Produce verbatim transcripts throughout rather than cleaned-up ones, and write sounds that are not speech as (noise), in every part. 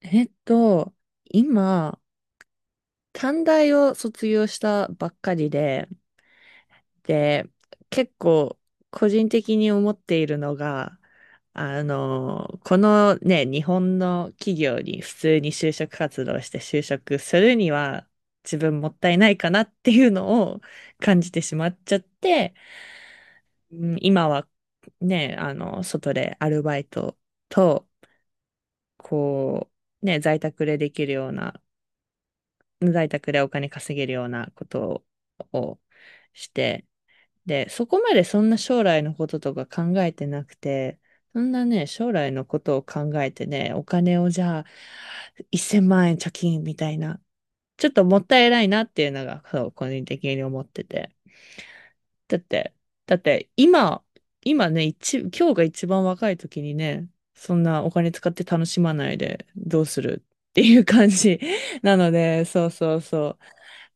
えっと、今、短大を卒業したばっかりで、で、結構個人的に思っているのが、あの、このね、日本の企業に普通に就職活動して就職するには自分もったいないかなっていうのを感じてしまっちゃって、うん、今はね、あの、外でアルバイトと、こう、ね、在宅でできるような、在宅でお金稼げるようなことをして、で、そこまでそんな将来のこととか考えてなくて、そんなね、将来のことを考えてね、お金をじゃあ、いっせんまん円貯金みたいな、ちょっともったいないなっていうのが、そう、個人的に思ってて。だって、だって、今、今ね、一、今日が一番若い時にね、そんなお金使って楽しまないでどうするっていう感じ (laughs) なので、そうそうそう。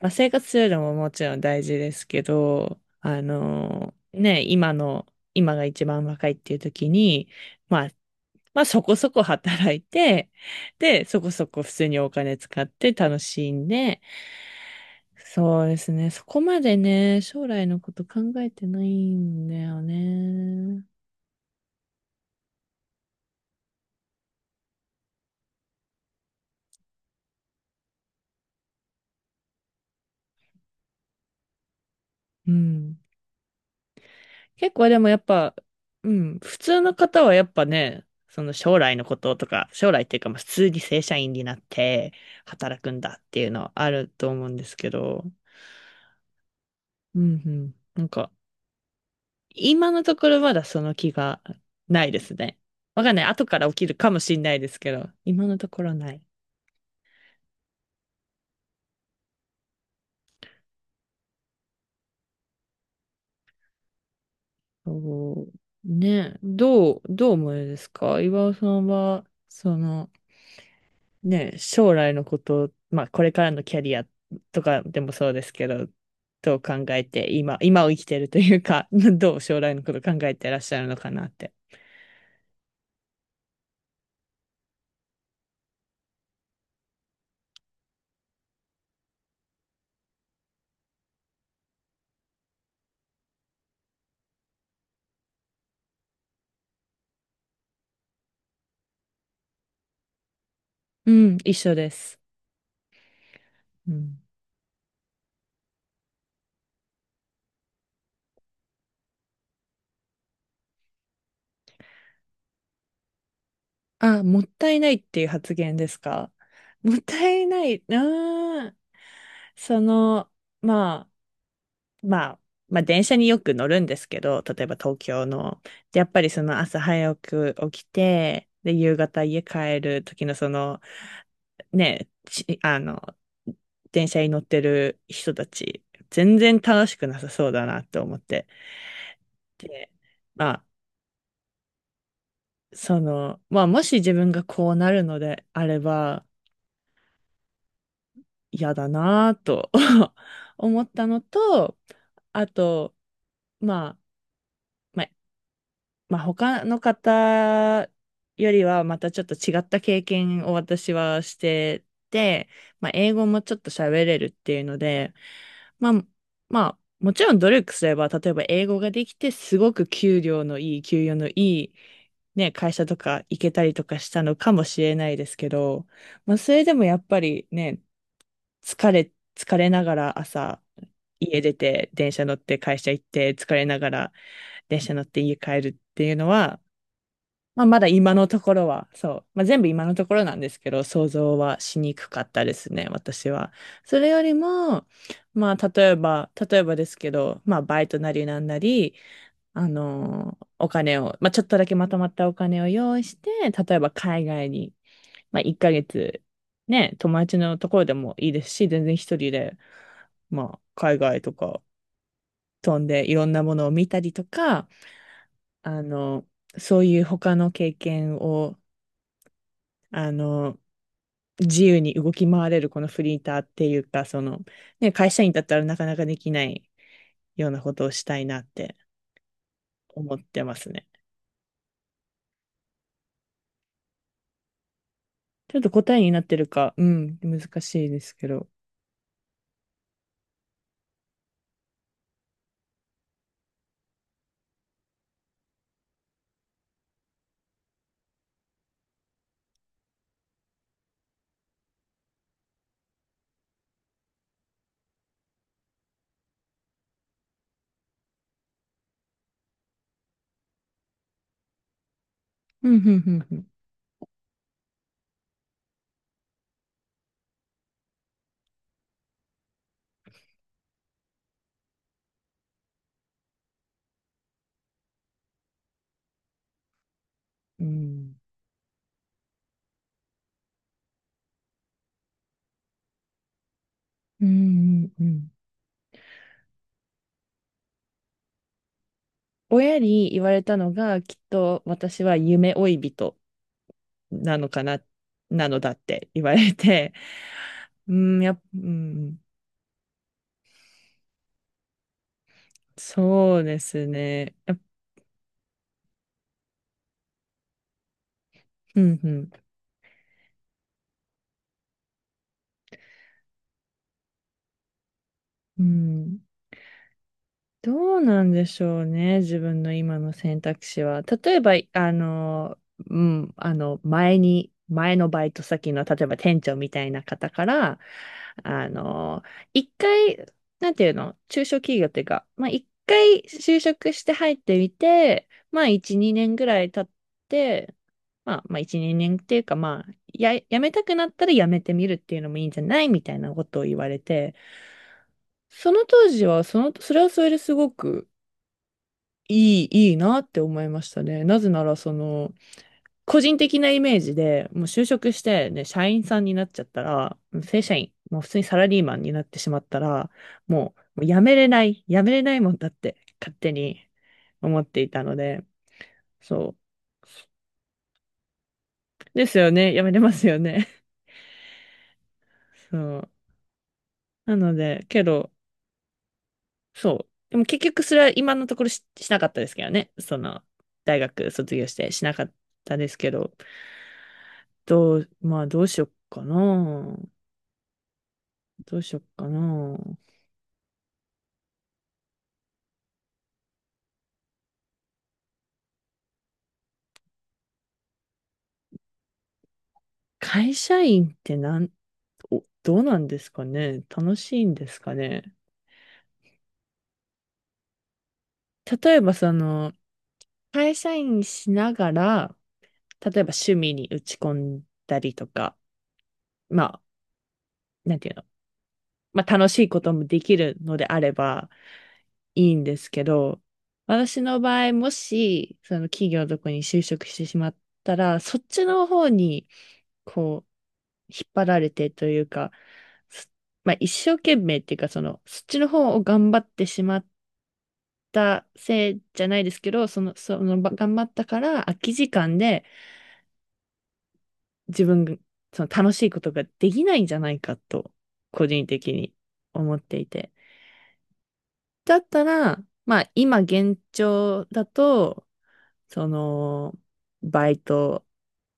まあ、生活するのももちろん大事ですけど、あのね、今の、今が一番若いっていう時に、まあ、まあそこそこ働いて、で、そこそこ普通にお金使って楽しんで、そうですね。そこまでね、将来のこと考えてないんだよね。うん。結構でもやっぱ、うん、普通の方はやっぱね、その将来のこととか、将来っていうか、まあ普通に正社員になって働くんだっていうのはあると思うんですけど、うんうん。なんか、今のところまだその気がないですね。わかんない。後から起きるかもしんないですけど、今のところない。そう、ね、どう、どう思いですか岩尾さんは、その、ね、将来のこと、まあ、これからのキャリアとかでもそうですけど、どう考えて、今、今を生きてるというか、(laughs) どう将来のこと考えてらっしゃるのかなって。うん、一緒です。うん。あ、もったいないっていう発言ですか？もったいない、うーその、まあ、まあ、まあ電車によく乗るんですけど、例えば東京の。で、やっぱりその朝早く起きて、で、夕方家帰る時のその、ね、ち、あの、電車に乗ってる人たち、全然楽しくなさそうだなと思って。で、まあ、その、まあ、もし自分がこうなるのであれば、嫌だなと (laughs) 思ったのと、あと、まあ、まあまあ、他の方よりはまたちょっと違った経験を私はしてて、まあ、英語もちょっと喋れるっていうので、まあ、まあ、もちろん努力すれば、例えば英語ができて、すごく給料のいい、給与のいい、ね、会社とか行けたりとかしたのかもしれないですけど、まあ、それでもやっぱりね、疲れ、疲れながら朝、家出て、電車乗って会社行って、疲れながら電車乗って家帰るっていうのは、まあ、まだ今のところは、そう。まあ、全部今のところなんですけど、想像はしにくかったですね、私は。それよりも、まあ、例えば、例えばですけど、まあ、バイトなりなんなり、あのーお金を、まあ、ちょっとだけまとまったお金を用意して、例えば海外に、まあ、いっかげつ、ね、友達のところでもいいですし、全然一人で、まあ、海外とか飛んでいろんなものを見たりとか、あの、そういう他の経験をあの、自由に動き回れるこのフリーターっていうか、その、ね、会社員だったらなかなかできないようなことをしたいなって思ってますね。ちょっと答えになってるか、うん、難しいですけど。うん、うん、うん、うん。うん、うん、うん。親に言われたのが、きっと私は夢追い人なのかな、なのだって言われて、(laughs) うん、やっ、うん、そうですね。やっうん、うん。うん、どうなんでしょうね、自分の今の選択肢は。例えば、あの、うん、あの、前に、前のバイト先の、例えば店長みたいな方から、あの、一回、なんていうの、中小企業っていうか、まあ、一回就職して入ってみて、まあ、一、二年ぐらい経って、まあ、まあ、一、二年っていうか、まあ、や、辞めたくなったら辞めてみるっていうのもいいんじゃないみたいなことを言われて、その当時は、その、それはそれですごく、いい、いいなって思いましたね。なぜなら、その、個人的なイメージで、もう就職して、ね、社員さんになっちゃったら、正社員、もう普通にサラリーマンになってしまったら、もう、もう辞めれない、辞めれないもんだって勝手に思っていたので、そう。ですよね。辞めれますよね。(laughs) そう。なので、けど、そう。でも結局それは今のところし、しなかったですけどね。その、大学卒業してしなかったですけど、どう、まあどうしよっかな。どうしよっかな。会社員ってなん、お、どうなんですかね。楽しいんですかね。例えばその、会社員しながら、例えば趣味に打ち込んだりとか、まあ、なんていうの。まあ楽しいこともできるのであれば、いいんですけど、私の場合、もし、その企業のとこに就職してしまったら、そっちの方に、こう、引っ張られてというか、そまあ、一生懸命っていうか、その、そっちの方を頑張ってしまったせいじゃないですけど、その、その、ば頑張ったから空き時間で自分が、その楽しいことができないんじゃないかと、個人的に思っていて。だったら、まあ、今現状だと、その、バイト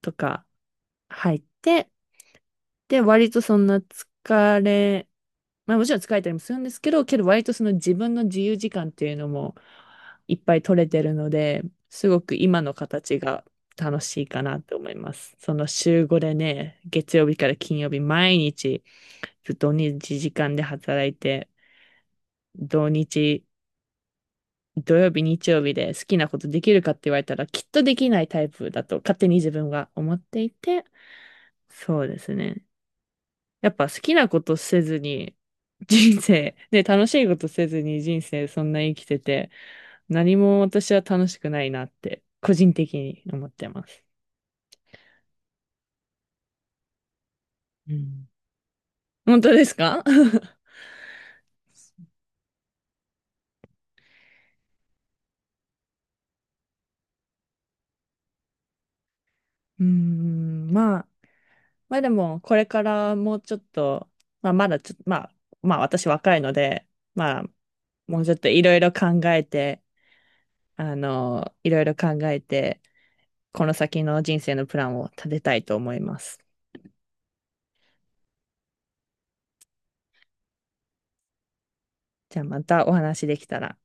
とか入って、で、割とそんな疲れ、まあもちろん疲れたりもするんですけど、けど割とその自分の自由時間っていうのもいっぱい取れてるので、すごく今の形が楽しいかなと思います。その週ごでね、月曜日から金曜日毎日ずっと同じ時間で働いて、土日土曜日、日曜日で好きなことできるかって言われたら、きっとできないタイプだと勝手に自分が思っていて、そうですね。やっぱ好きなことせずに、人生、ね、楽しいことせずに人生そんな生きてて、何も私は楽しくないなって、個人的に思ってます。うん、本当ですか？ (laughs) うーん、まあ、まあでも、これからもうちょっと、まあまだちょっと、まあ、まあ私若いので、まあ、もうちょっといろいろ考えて、あの、いろいろ考えて、この先の人生のプランを立てたいと思います。じゃあまたお話できたら。